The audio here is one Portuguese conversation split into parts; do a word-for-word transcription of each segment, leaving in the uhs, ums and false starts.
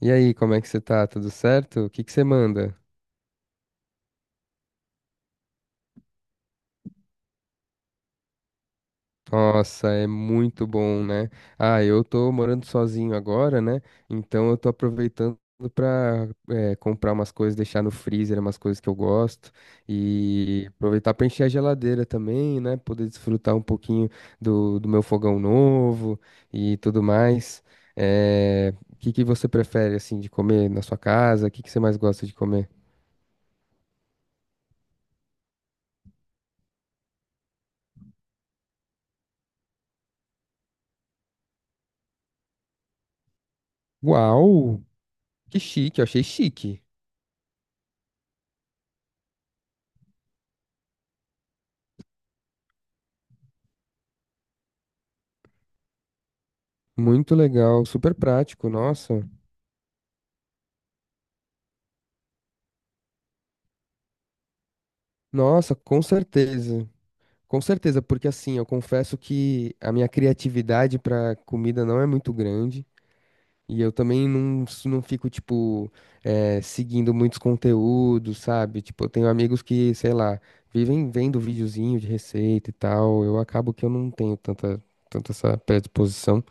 E aí, como é que você tá? Tudo certo? O que que você manda? Nossa, é muito bom, né? Ah, eu tô morando sozinho agora, né? Então eu tô aproveitando pra eh, comprar umas coisas, deixar no freezer, umas coisas que eu gosto e aproveitar pra encher a geladeira também, né? Poder desfrutar um pouquinho do, do meu fogão novo e tudo mais. Eh, O que que você prefere, assim, de comer na sua casa? O que que você mais gosta de comer? Uau! Que chique, eu achei chique. Muito legal, super prático, nossa. Nossa, com certeza. Com certeza, porque assim, eu confesso que a minha criatividade para comida não é muito grande. E eu também não, s- não fico, tipo, eh, seguindo muitos conteúdos, sabe? Tipo, eu tenho amigos que, sei lá, vivem vendo videozinho de receita e tal. Eu acabo que eu não tenho tanta, tanta essa predisposição.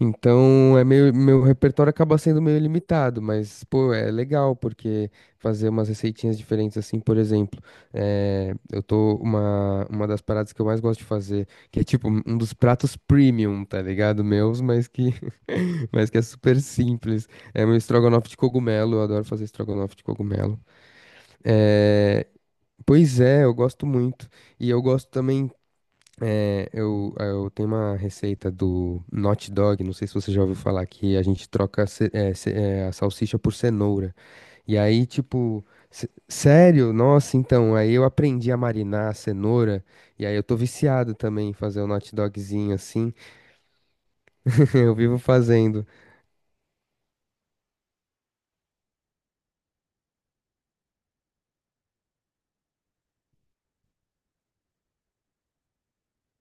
Então, é meio, meu repertório acaba sendo meio limitado, mas, pô, é legal, porque fazer umas receitinhas diferentes, assim, por exemplo, eh, eu tô, uma, uma das paradas que eu mais gosto de fazer, que é tipo um dos pratos premium, tá ligado? Meus, mas que, mas que é super simples, é meu estrogonofe de cogumelo, eu adoro fazer estrogonofe de cogumelo. Eh, Pois é, eu gosto muito, e eu gosto também. Eu, eh, eu tenho uma receita do Not Dog, não sei se você já ouviu falar, que a gente troca ce- é, ce- é, a salsicha por cenoura. E aí, tipo, se- sério? Nossa, então, aí eu aprendi a marinar a cenoura, e aí eu tô viciado também em fazer o Not Dogzinho assim. Eu vivo fazendo.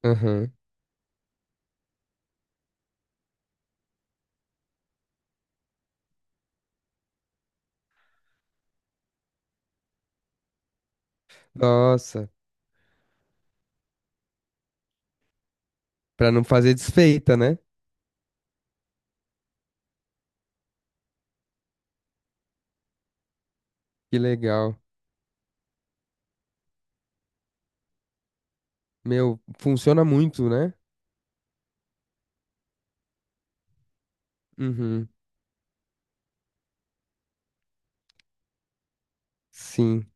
Aham. Nossa, pra não fazer desfeita, né? Que legal. Meu, funciona muito, né? Uhum. Sim.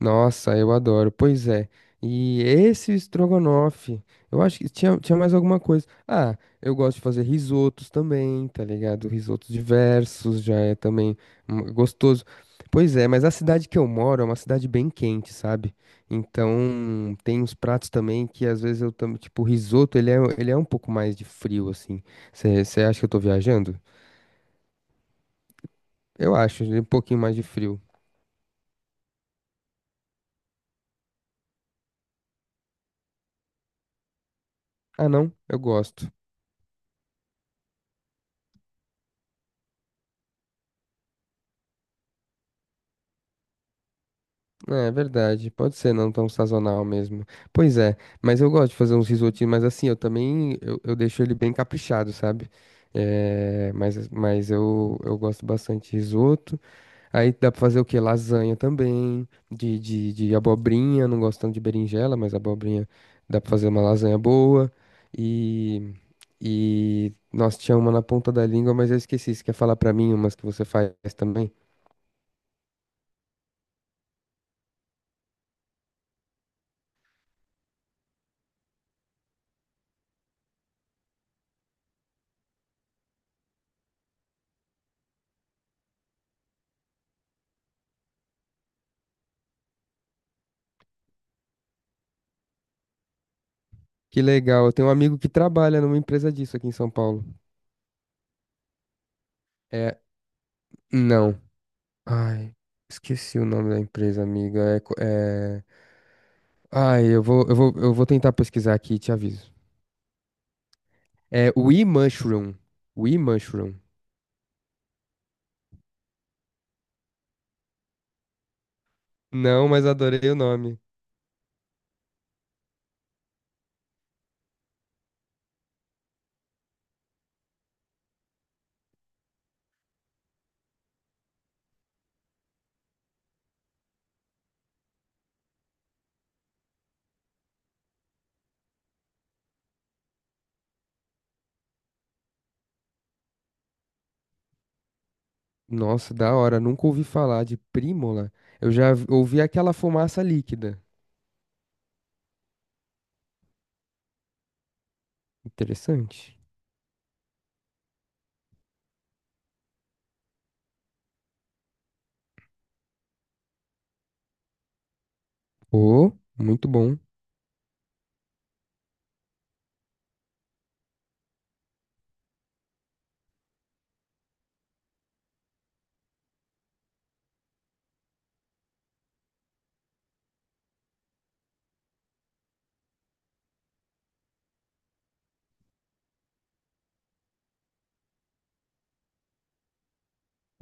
Nossa, eu adoro. Pois é. E esse estrogonofe, eu acho que tinha, tinha mais alguma coisa. Ah, eu gosto de fazer risotos também, tá ligado? Risotos diversos já é também hum, gostoso. Pois é, mas a cidade que eu moro é uma cidade bem quente, sabe? Então, tem uns pratos também que às vezes eu também, tipo, o risoto, ele é, ele é um pouco mais de frio, assim. Você acha que eu tô viajando? Eu acho, ele é um pouquinho mais de frio. Ah, não, eu gosto. É é verdade, pode ser não tão sazonal mesmo. Pois é, mas eu gosto de fazer uns risotinhos, mas assim, eu também, eu, eu deixo ele bem caprichado, sabe? É, mas mas eu, eu gosto bastante de risoto. Aí dá pra fazer o quê? Lasanha também, de, de, de abobrinha, não gosto tanto de berinjela, mas abobrinha dá pra fazer uma lasanha boa. E, e, nossa, tinha uma na ponta da língua, mas eu esqueci, você quer falar pra mim umas que você faz também? Que legal. Eu tenho um amigo que trabalha numa empresa disso aqui em São Paulo. É. Não. Ai, esqueci o nome da empresa, amiga. É. co- é... Ai, eu vou, eu vou, eu vou tentar pesquisar aqui e te aviso. É We Mushroom. We Mushroom. Não, mas adorei o nome. Nossa, da hora. Nunca ouvi falar de Prímola. Eu já vi- ouvi aquela fumaça líquida. Interessante. Oh, muito bom.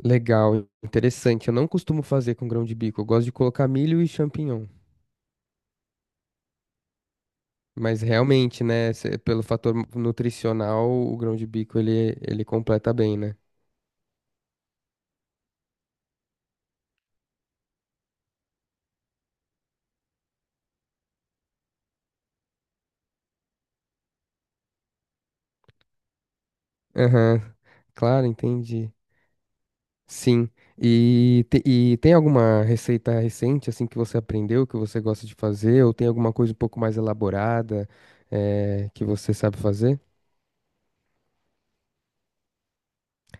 Legal, interessante. Eu não costumo fazer com grão de bico. Eu gosto de colocar milho e champignon. Mas realmente, né, cê- pelo fator nutricional, o grão de bico ele, ele completa bem, né? Aham. Claro, entendi. Sim. E, te- e tem alguma receita recente, assim, que você aprendeu, que você gosta de fazer? Ou tem alguma coisa um pouco mais elaborada, eh, que você sabe fazer?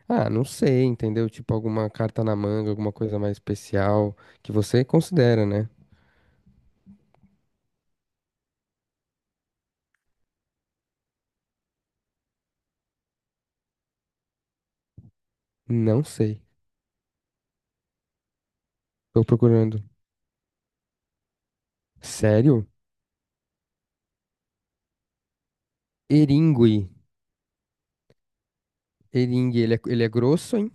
Ah, não sei, entendeu? Tipo alguma carta na manga, alguma coisa mais especial que você considera, né? Não sei. Tô procurando. Sério? Eringue. Eringue, ele é, ele é grosso, hein?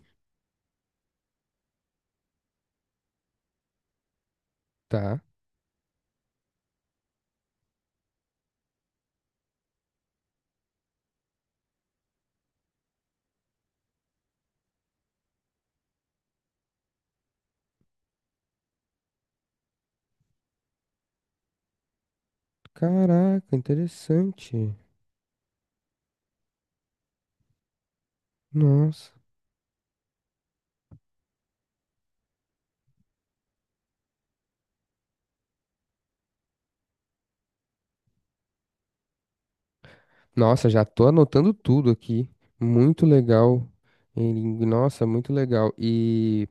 Tá. Caraca, interessante. Nossa. Nossa, já tô anotando tudo aqui. Muito legal. Ele- Nossa, muito legal. E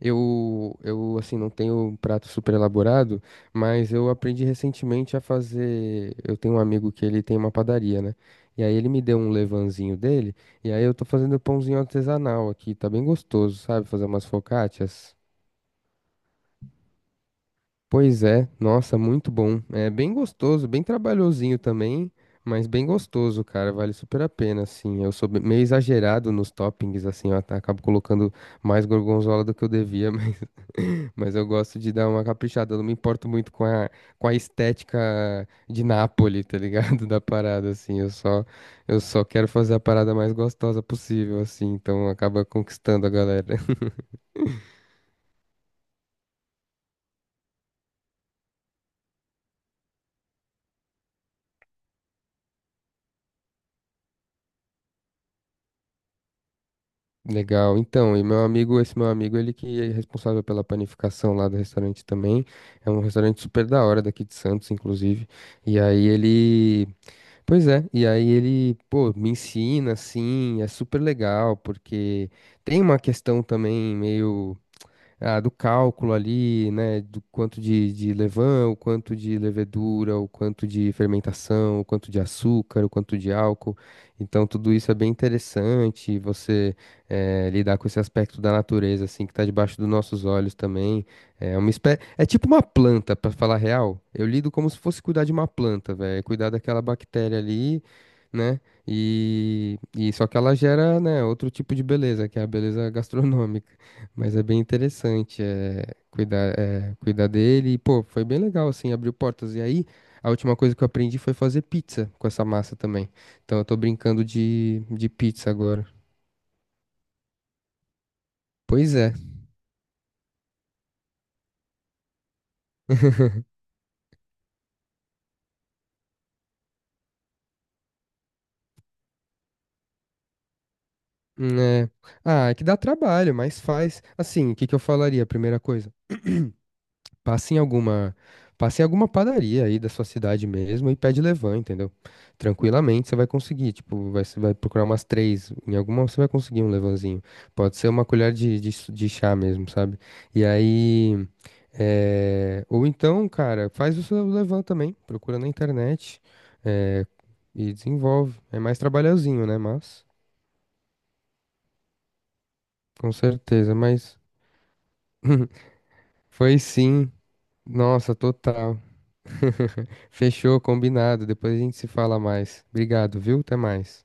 eu, eu assim, não tenho um prato super elaborado, mas eu aprendi recentemente a fazer. Eu tenho um amigo que ele tem uma padaria, né? E aí ele me deu um levanzinho dele, e aí eu tô fazendo pãozinho artesanal aqui. Tá bem gostoso, sabe? Fazer umas focaccias. Pois é, nossa, muito bom. É bem gostoso, bem trabalhosinho também, mas bem gostoso, cara. Vale super a pena, assim. Eu sou be- meio exagerado nos toppings, assim, eu at- acabo colocando mais gorgonzola do que eu devia, mas, mas eu gosto de dar uma caprichada. Eu não me importo muito com a, com a estética de Nápoles, tá ligado? Da parada, assim. Eu só, eu só quero fazer a parada mais gostosa possível, assim. Então acaba conquistando a galera. Legal. Então, e meu amigo, esse meu amigo, ele que é responsável pela panificação lá do restaurante também. É um restaurante super da hora daqui de Santos, inclusive. E aí ele, pois é, e aí ele, pô, me ensina assim, é super legal, porque tem uma questão também meio ah, do cálculo ali, né, do quanto de, de levain, o quanto de levedura, o quanto de fermentação, o quanto de açúcar, o quanto de álcool. Então, tudo isso é bem interessante, você eh, lidar com esse aspecto da natureza, assim, que está debaixo dos nossos olhos também. É uma espé... é tipo uma planta, para falar a real. Eu lido como se fosse cuidar de uma planta, velho. É cuidar daquela bactéria ali, né, e... e só que ela gera, né, outro tipo de beleza, que é a beleza gastronômica. Mas é bem interessante é, cuidar, é, cuidar dele. E, pô, foi bem legal, assim, abriu portas. E aí, a última coisa que eu aprendi foi fazer pizza com essa massa também. Então, eu tô brincando de, de pizza agora. Pois é. Né? Ah, é que dá trabalho, mas faz. Assim, o que que eu falaria? A primeira coisa. Passa em alguma, passa em alguma padaria aí da sua cidade mesmo e pede levan, entendeu? Tranquilamente você vai conseguir, tipo, vai, você vai procurar umas três, em alguma você vai conseguir um levanzinho. Pode ser uma colher de, de, su- de chá mesmo, sabe? E aí, é, ou então, cara, faz o seu levan também, procura na internet, é, e desenvolve. É mais trabalhosinho, né? Mas, com certeza, mas foi sim. Nossa, total. Fechou, combinado. Depois a gente se fala mais. Obrigado, viu? Até mais.